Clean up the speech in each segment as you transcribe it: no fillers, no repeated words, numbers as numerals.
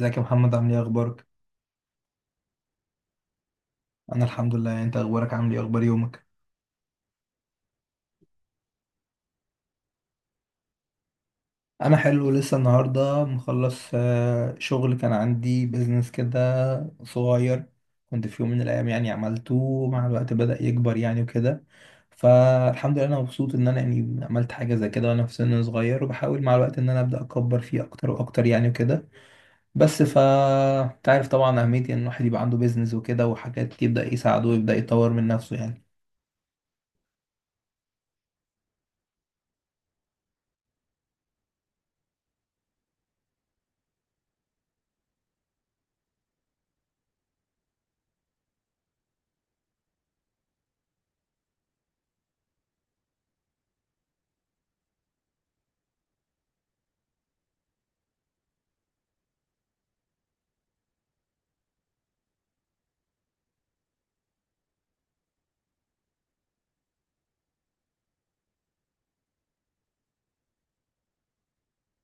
ازيك يا محمد؟ عامل ايه اخبارك؟ انا الحمد لله، يعني انت اخبارك؟ عامل ايه؟ اخبار يومك؟ انا حلو، لسه النهارده مخلص شغل، كان عندي بيزنس كده صغير، كنت في يوم من الايام يعني عملته، مع الوقت بدأ يكبر يعني وكده. فالحمد لله انا مبسوط ان انا يعني عملت حاجه زي كده وانا في سن صغير، وبحاول مع الوقت ان انا ابدا اكبر فيه اكتر واكتر يعني وكده. بس ف تعرف طبعا اهميه ان الواحد يبقى عنده بيزنس وكده، وحاجات يبدا يساعده ويبدا يطور من نفسه يعني.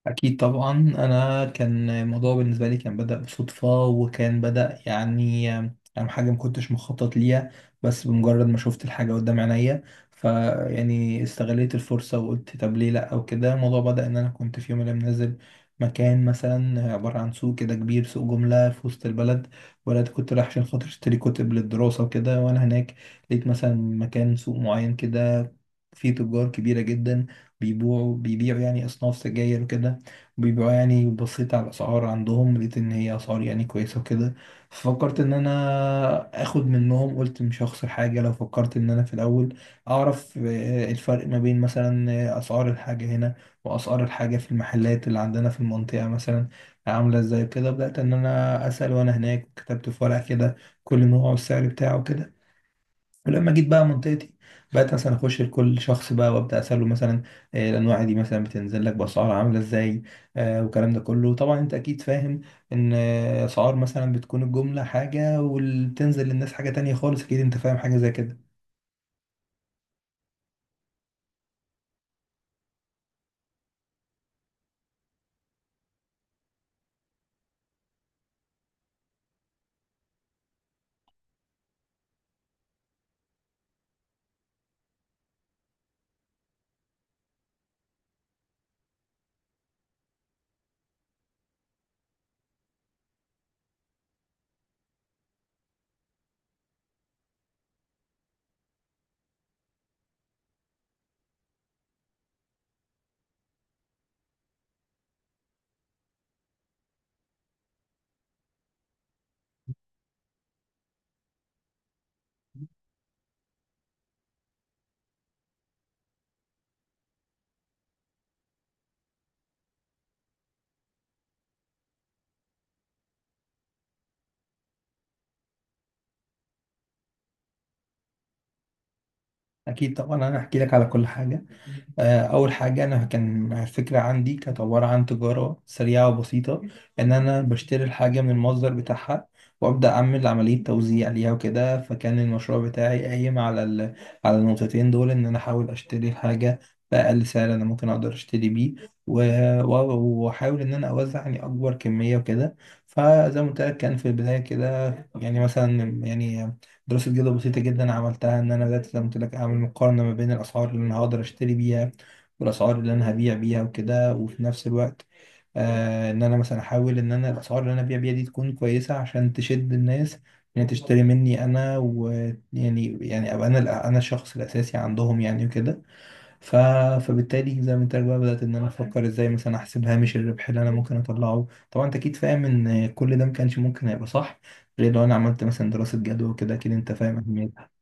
أكيد طبعا. أنا كان الموضوع بالنسبة لي كان بدأ بصدفة، وكان بدأ يعني حاجة ما كنتش مخطط ليها، بس بمجرد ما شفت الحاجة قدام عينيا فيعني استغليت الفرصة وقلت طب ليه لأ وكده. الموضوع بدأ إن أنا كنت في يوم من الأيام نازل مكان مثلا عبارة عن سوق كده كبير، سوق جملة في وسط البلد، ولاد كنت رايح عشان خاطر أشتري كتب للدراسة وكده. وأنا هناك لقيت مثلا مكان سوق معين كده، فيه تجار كبيرة جدا بيبيعوا يعني أصناف سجاير وكده. بيبقى يعني بصيت على الأسعار عندهم، لقيت إن هي أسعار يعني كويسة وكده. ففكرت إن أنا آخد منهم، قلت مش هخسر حاجة لو فكرت إن أنا في الأول أعرف الفرق ما بين مثلا أسعار الحاجة هنا وأسعار الحاجة في المحلات اللي عندنا في المنطقة مثلا عاملة إزاي كده. بدأت إن أنا أسأل، وأنا هناك كتبت في ورقة كده كل نوع والسعر بتاعه كده. ولما جيت بقى منطقتي، بقيت مثلا اخش لكل شخص بقى وابدا اساله مثلا الانواع دي مثلا بتنزل لك باسعار عامله ازاي. والكلام ده كله طبعا انت اكيد فاهم ان اسعار مثلا بتكون الجمله حاجه، واللي بتنزل للناس حاجه تانية خالص. اكيد انت فاهم حاجه زي كده. اكيد طبعا انا هحكي لك على كل حاجه. أول حاجة، أنا كان فكرة عندي كانت عبارة عن تجارة سريعة وبسيطة، إن أنا بشتري الحاجة من المصدر بتاعها وأبدأ أعمل عملية توزيع ليها وكده. فكان المشروع بتاعي قايم على على النقطتين دول، إن أنا أحاول أشتري الحاجة بأقل سعر أنا ممكن أقدر أشتري بيه، و- و- وأحاول إن أنا أوزع يعني أكبر كمية وكده. فزي ما قلت لك، كان في البداية كده يعني مثلا يعني دراسة جدوى بسيطة جدا عملتها، إن أنا بدأت زي ما قلت لك أعمل مقارنة ما بين الأسعار اللي أنا هقدر أشتري بيها والأسعار اللي أنا هبيع بيها وكده. وفي نفس الوقت آه إن أنا مثلا أحاول إن أنا الأسعار اللي أنا هبيع بيها دي تكون كويسة عشان تشد الناس إنها تشتري مني أنا، ويعني يعني أبقى أنا الشخص الأساسي عندهم يعني وكده. ف... فبالتالي زي ما انت قايل بقى، بدأت ان انا افكر ازاي مثلا احسب هامش الربح اللي انا ممكن اطلعه. طبعا انت اكيد فاهم ان كل ده ما كانش ممكن هيبقى صح غير لو انا عملت مثلا دراسة جدوى وكده. اكيد انت فاهم اهميتها.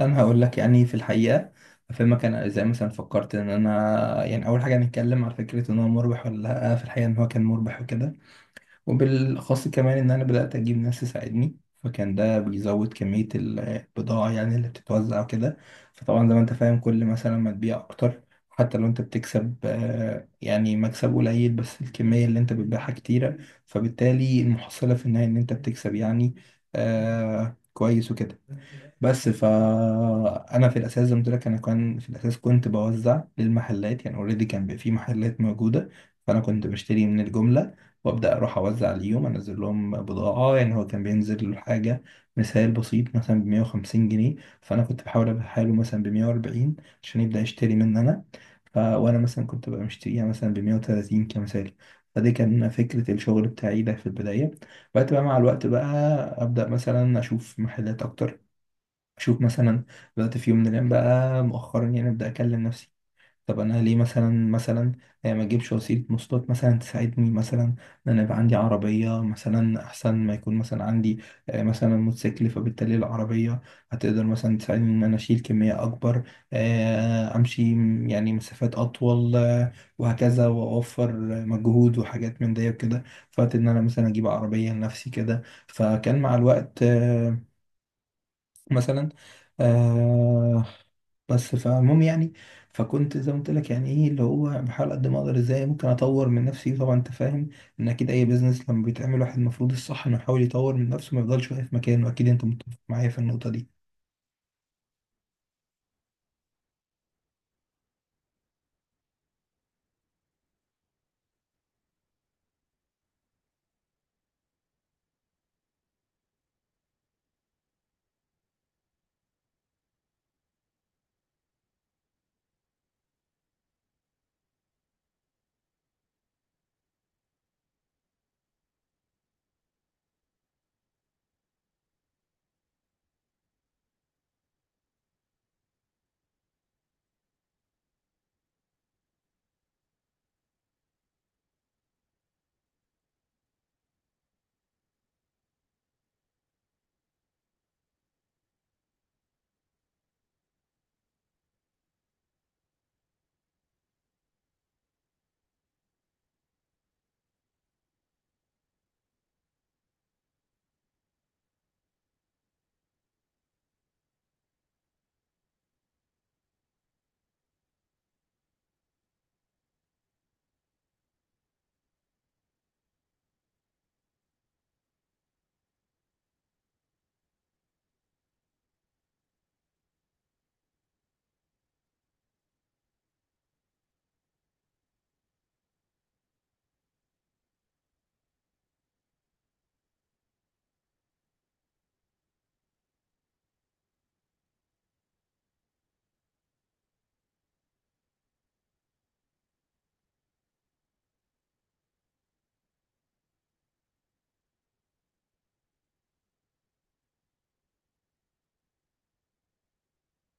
انا هقول لك يعني في الحقيقة افهمك انا ازاي مثلا فكرت ان انا يعني. اول حاجة هنتكلم على فكرة ان هو مربح ولا لا. في الحقيقة ان هو كان مربح وكده، وبالأخص كمان إن أنا بدأت أجيب ناس تساعدني، فكان ده بيزود كمية البضاعة يعني اللي بتتوزع وكده. فطبعا زي ما أنت فاهم، كل مثلا ما تبيع أكتر حتى لو أنت بتكسب يعني مكسب قليل، بس الكمية اللي أنت بتبيعها كتيرة، فبالتالي المحصلة في النهاية إن أنت بتكسب يعني كويس وكده. بس فانا في الاساس زي ما قلت لك، انا كان في الاساس كنت بوزع للمحلات يعني اوريدي، كان بيبقى في محلات موجوده، فانا كنت بشتري من الجمله وابدا اروح اوزع، اليوم انزل لهم بضاعه. يعني هو كان بينزل له حاجه، مثال بسيط مثلا ب 150 جنيه، فانا كنت بحاول ابيعها له مثلا ب 140 عشان يبدا يشتري مني انا. وانا مثلا كنت ببقى مشتريها مثلا ب 130 كمثال. فدي كان فكرة الشغل بتاعي ده في البداية. بعد بقى مع الوقت بقى أبدأ مثلا أشوف محلات أكتر، اشوف مثلا. بدات في يوم من الايام بقى مؤخرا يعني ابدا اكلم نفسي، طب انا ليه مثلا ما اجيبش وسيله مواصلات مثلا تساعدني، مثلا ان انا يبقى عندي عربيه مثلا احسن، ما يكون مثلا عندي مثلا موتوسيكل. فبالتالي العربيه هتقدر مثلا تساعدني ان انا اشيل كميه اكبر، امشي يعني مسافات اطول، وهكذا، واوفر مجهود وحاجات من دي وكده. فقلت ان انا مثلا اجيب عربيه لنفسي كده. فكان مع الوقت مثلا آه بس فالمهم يعني. فكنت زي ما قلت لك يعني ايه اللي هو بحاول قد ما اقدر ازاي ممكن اطور من نفسي. طبعا انت فاهم ان اكيد اي بيزنس لما بيتعمل، واحد المفروض الصح انه يحاول يطور من نفسه ما يفضلش واقف مكانه. اكيد انت متفق معايا في النقطة دي.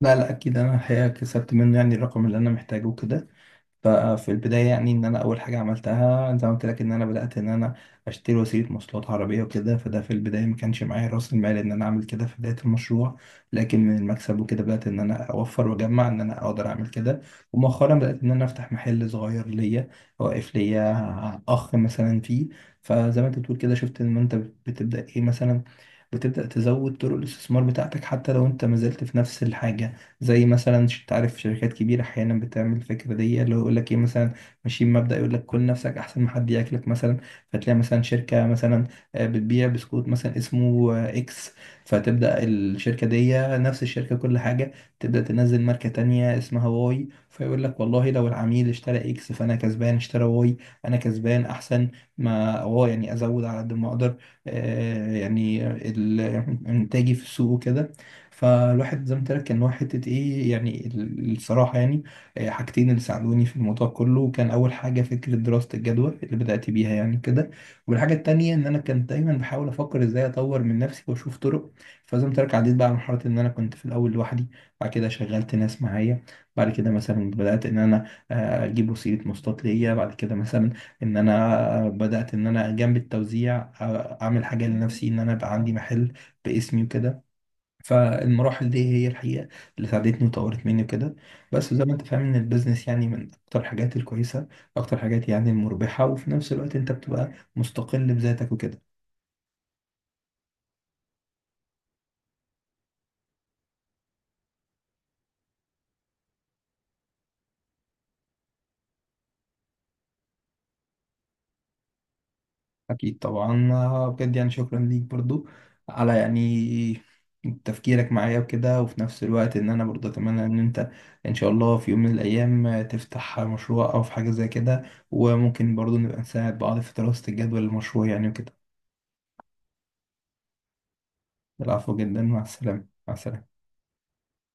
لا لا، اكيد انا الحقيقة كسبت منه يعني الرقم اللي انا محتاجه وكده. ففي البداية يعني إن أنا أول حاجة عملتها زي ما قلت لك، إن أنا بدأت إن أنا أشتري وسيلة مواصلات، عربية وكده. فده في البداية ما كانش معايا رأس المال إن أنا أعمل كده في بداية المشروع، لكن من المكسب وكده بدأت إن أنا أوفر وأجمع إن أنا أقدر أعمل كده. ومؤخرا بدأت إن أنا أفتح محل صغير ليا، واقف ليا أخ مثلا فيه. فزي ما أنت بتقول كده، شفت إن أنت بتبدأ إيه مثلا، بتبدأ تزود طرق الاستثمار بتاعتك حتى لو أنت ما زلت في نفس الحاجة. زي مثلا تعرف شركات كبيرة أحيانا بتعمل الفكرة دي، اللي هو يقول لك إيه مثلا، ماشيين مبدأ يقول لك كل نفسك أحسن ما حد ياكلك مثلا. فتلاقي مثلا شركة مثلا بتبيع بسكوت مثلا اسمه إكس، فتبدأ الشركة دي نفس الشركة كل حاجة تبدأ تنزل ماركة تانية اسمها واي. فيقول لك والله لو العميل اشترى إكس فأنا كسبان، اشترى واي أنا كسبان. أحسن ما هو يعني أزود على قد ما أقدر يعني إنتاجي في السوق وكده. فالواحد زي ما قلت لك ان هو حته ايه يعني الصراحه يعني حاجتين اللي ساعدوني في الموضوع كله. كان اول حاجه فكره دراسه الجدوى اللي بدات بيها يعني كده، والحاجه التانيه ان انا كنت دايما بحاول افكر ازاي اطور من نفسي واشوف طرق. فزي ما قلت لك عديت بقى على مرحله ان انا كنت في الاول لوحدي، بعد كده شغلت ناس معايا، بعد كده مثلا بدات ان انا اجيب وسيله مواصلات ليا، بعد كده مثلا ان انا بدات ان انا جنب التوزيع اعمل حاجه لنفسي ان انا بقى عندي محل باسمي وكده. فالمراحل دي هي الحقيقة اللي ساعدتني وطورت مني وكده. بس زي ما انت فاهم، ان البيزنس يعني من اكتر الحاجات الكويسة، اكتر الحاجات يعني المربحة، وفي نفس الوقت انت بتبقى مستقل بذاتك وكده. اكيد طبعا بجد يعني شكرا ليك برضو على يعني تفكيرك معايا وكده. وفي نفس الوقت ان انا برضو اتمنى ان انت ان شاء الله في يوم من الايام تفتح مشروع او في حاجة زي كده، وممكن برضو نبقى نساعد بعض في دراسة الجدول المشروع يعني وكده. العفو جدا، مع السلامة، مع السلامة.